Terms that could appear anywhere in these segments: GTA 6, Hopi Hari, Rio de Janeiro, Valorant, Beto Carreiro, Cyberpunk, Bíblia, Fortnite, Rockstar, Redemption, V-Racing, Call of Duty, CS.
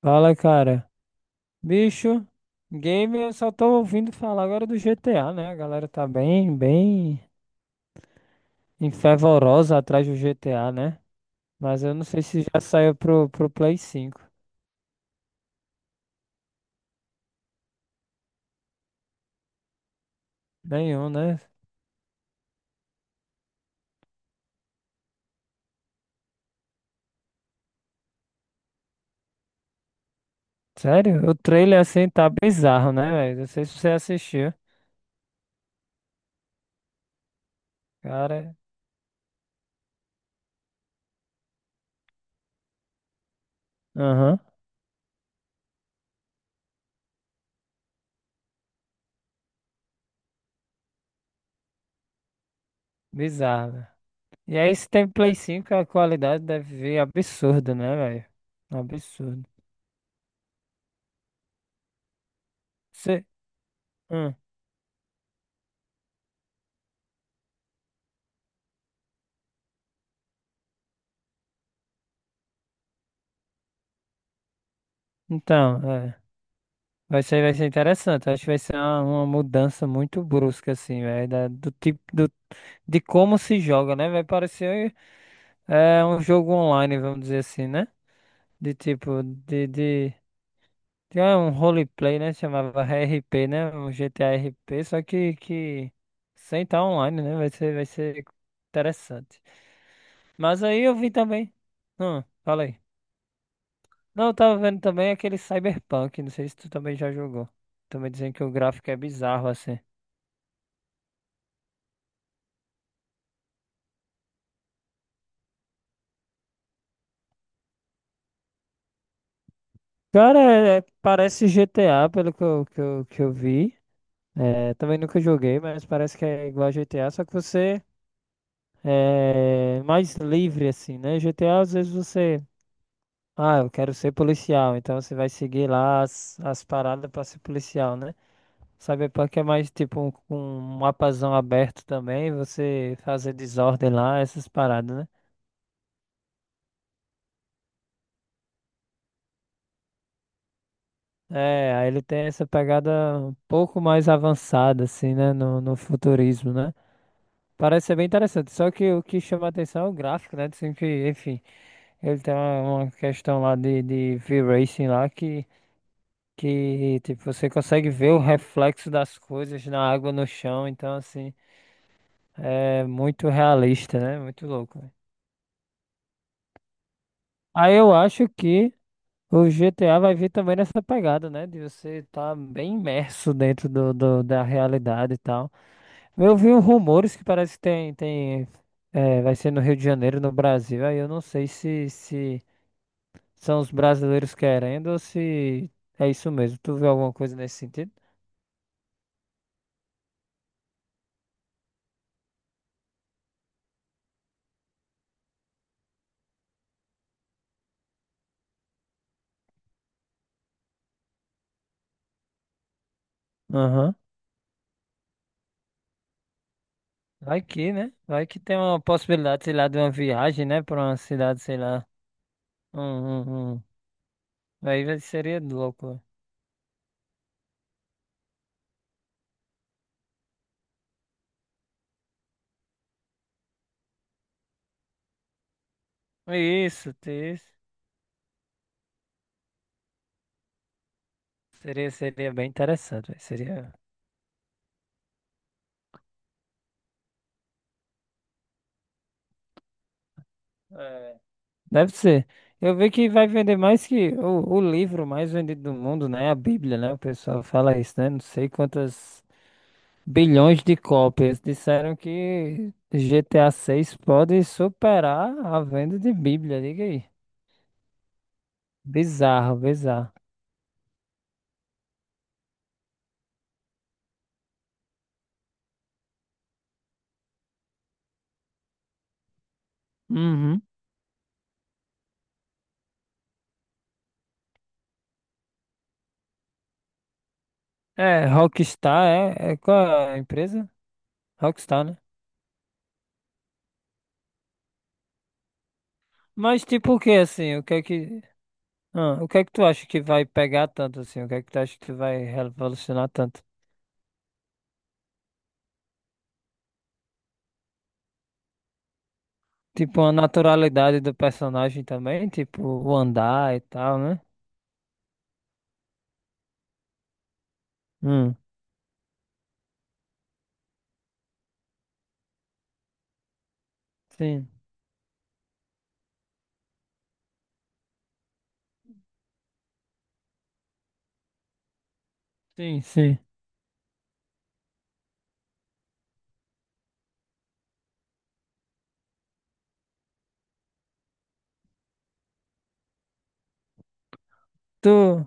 Fala, cara. Bicho, game eu só tô ouvindo falar agora do GTA, né? A galera tá bem, bem fervorosa atrás do GTA, né? Mas eu não sei se já saiu pro Play cinco. Nenhum, né? Sério? O trailer assim tá bizarro, né, velho? Não sei se você assistiu. Cara, aham, bizarro, velho. E aí, se tem Play 5 a qualidade deve vir absurda, né, velho? Absurdo. Você... Hum. Então, é. Vai ser interessante. Acho que vai ser uma mudança muito brusca, assim, velho. Do tipo de como se joga, né? Vai parecer é, um jogo online, vamos dizer assim, né? De tipo, de é, um roleplay, né? Chamava RP, né? Um GTA RP, só que sem estar online, né? Vai ser interessante. Mas aí eu vi também. Fala aí. Não, eu tava vendo também aquele Cyberpunk. Não sei se tu também já jogou. Também dizem que o gráfico é bizarro, assim. Cara, parece GTA, pelo que eu, que eu vi. É, também nunca joguei, mas parece que é igual a GTA, só que você é mais livre, assim, né? GTA, às vezes você. Ah, eu quero ser policial, então você vai seguir lá as, as paradas pra ser policial, né? Cyberpunk é mais tipo um mapazão aberto também, você fazer desordem lá, essas paradas, né? É, aí ele tem essa pegada um pouco mais avançada, assim, né? No futurismo, né? Parece ser bem interessante. Só que o que chama a atenção é o gráfico, né? Sempre, enfim, ele tem uma questão lá de V-Racing lá que tipo, você consegue ver o reflexo das coisas na água, no chão. Então, assim, é muito realista, né? Muito louco, né? Aí eu acho que o GTA vai vir também nessa pegada, né? De você estar bem imerso dentro da realidade e tal. Eu vi uns rumores que parece que tem, vai ser no Rio de Janeiro, no Brasil. Aí eu não sei se são os brasileiros querendo ou se é isso mesmo. Tu viu alguma coisa nesse sentido? Aham. Vai que, né? Vai que tem uma possibilidade, sei lá, de uma viagem, né? Pra uma cidade, sei lá. Um, um, um. Aí seria louco. Isso, isso. Seria bem interessante. Véi. Seria. É, deve ser. Eu vi que vai vender mais que o livro mais vendido do mundo, né? A Bíblia, né? O pessoal fala isso, né? Não sei quantas bilhões de cópias. Disseram que GTA 6 pode superar a venda de Bíblia, diga aí. Bizarro, bizarro. Uhum. É, Rockstar, é qual é a empresa? Rockstar, né? Mas tipo o que assim? O que é que. Ah, o que é que tu acha que vai pegar tanto assim? O que é que tu acha que vai revolucionar tanto? Tipo, a naturalidade do personagem também, tipo, o andar e tal, né? Hum, sim, sim, sim. Tu,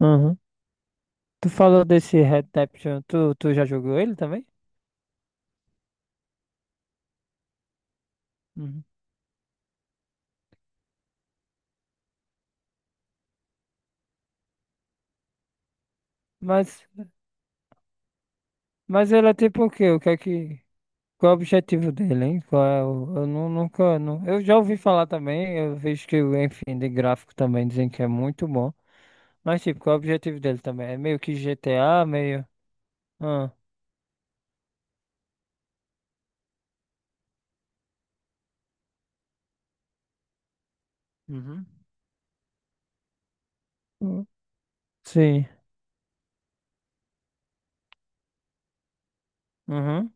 uhum. Tu falou desse Redemption, tu já jogou ele também? Uhum. Mas, mas ele é tipo o quê? O que é que, qual é o objetivo dele, hein? Qual é o, eu nunca, eu já ouvi falar também, eu vejo que, enfim, de gráfico também dizem que é muito bom. Mas, tipo, qual é o objetivo dele também? É meio que GTA, meio... Ah. Uhum. Hum, sim. Uhum.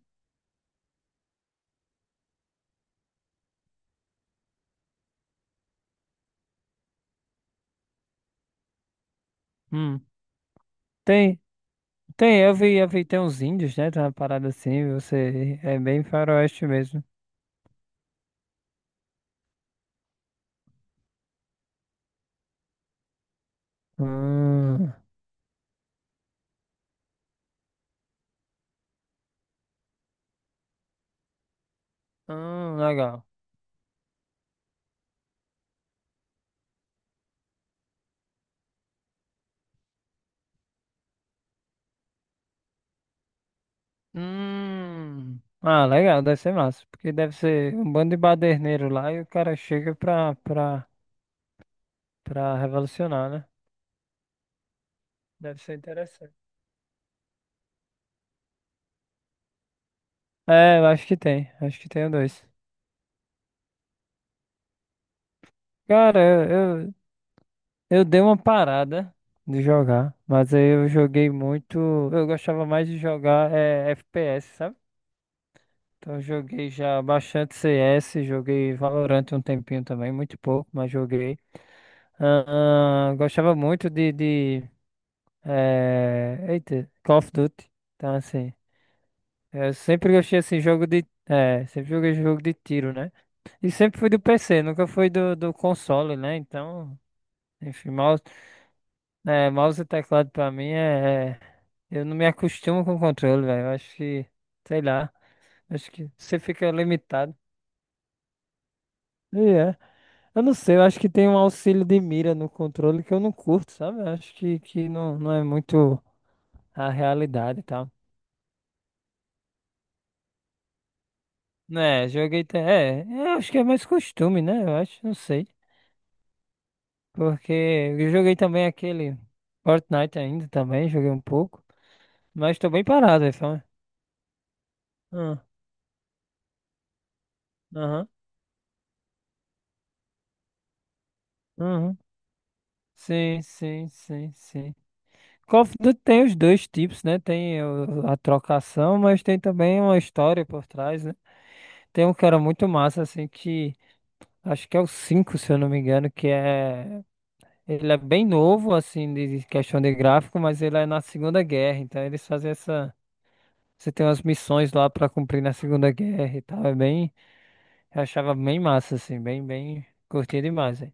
Hum. Tem, tem, eu vi, tem uns índios, né? Tem uma parada assim, você é bem faroeste mesmo. Hum, legal. Hum. Ah, legal, deve ser massa, porque deve ser um bando de baderneiro lá e o cara chega pra revolucionar, né? Deve ser interessante. É, eu acho que tem dois. Cara, eu dei uma parada de jogar, mas aí eu joguei muito, eu gostava mais de jogar é, FPS, sabe? Então, eu joguei já bastante CS, joguei Valorant um tempinho também, muito pouco, mas joguei. Ah, ah, gostava muito de eita, Call of Duty. Então, assim, eu sempre gostei assim, jogo de. É, sempre joguei jogo de tiro, né? E sempre fui do PC, nunca fui do console, né? Então, enfim, mouse, né, mouse e teclado pra mim é. Eu não me acostumo com o controle, velho. Eu acho que, sei lá, acho que você fica limitado. E é. Eu não sei, eu acho que tem um auxílio de mira no controle que eu não curto, sabe? Eu acho que não, não é muito a realidade e tal. Né, joguei. É, eu acho que é mais costume, né? Eu acho, não sei. Porque eu joguei também aquele Fortnite ainda também, joguei um pouco. Mas tô bem parado, aí, fala. Ah, aham, aham. Sim, sim, sim, sim. Call of Duty tem os dois tipos, né? Tem a trocação, mas tem também uma história por trás, né? Tem um que era muito massa, assim, que acho que é o 5 se eu não me engano, que é. Ele é bem novo, assim, de questão de gráfico, mas ele é na Segunda Guerra, então eles fazem essa. Você tem umas missões lá pra cumprir na Segunda Guerra e tal. É bem. Eu achava bem massa, assim, bem, bem. Curti demais, hein?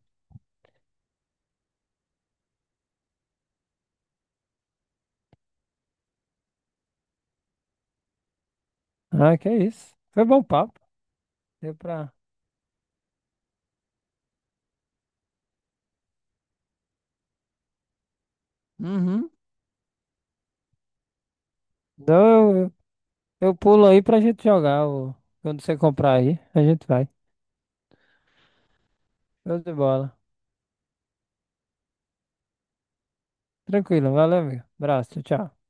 Ah, que é isso. Foi bom papo. Deu pra. Uhum. Então eu pulo aí pra gente jogar. Quando você comprar aí, a gente vai. Show de bola. Tranquilo, valeu, amigo. Abraço, tchau. Tchau.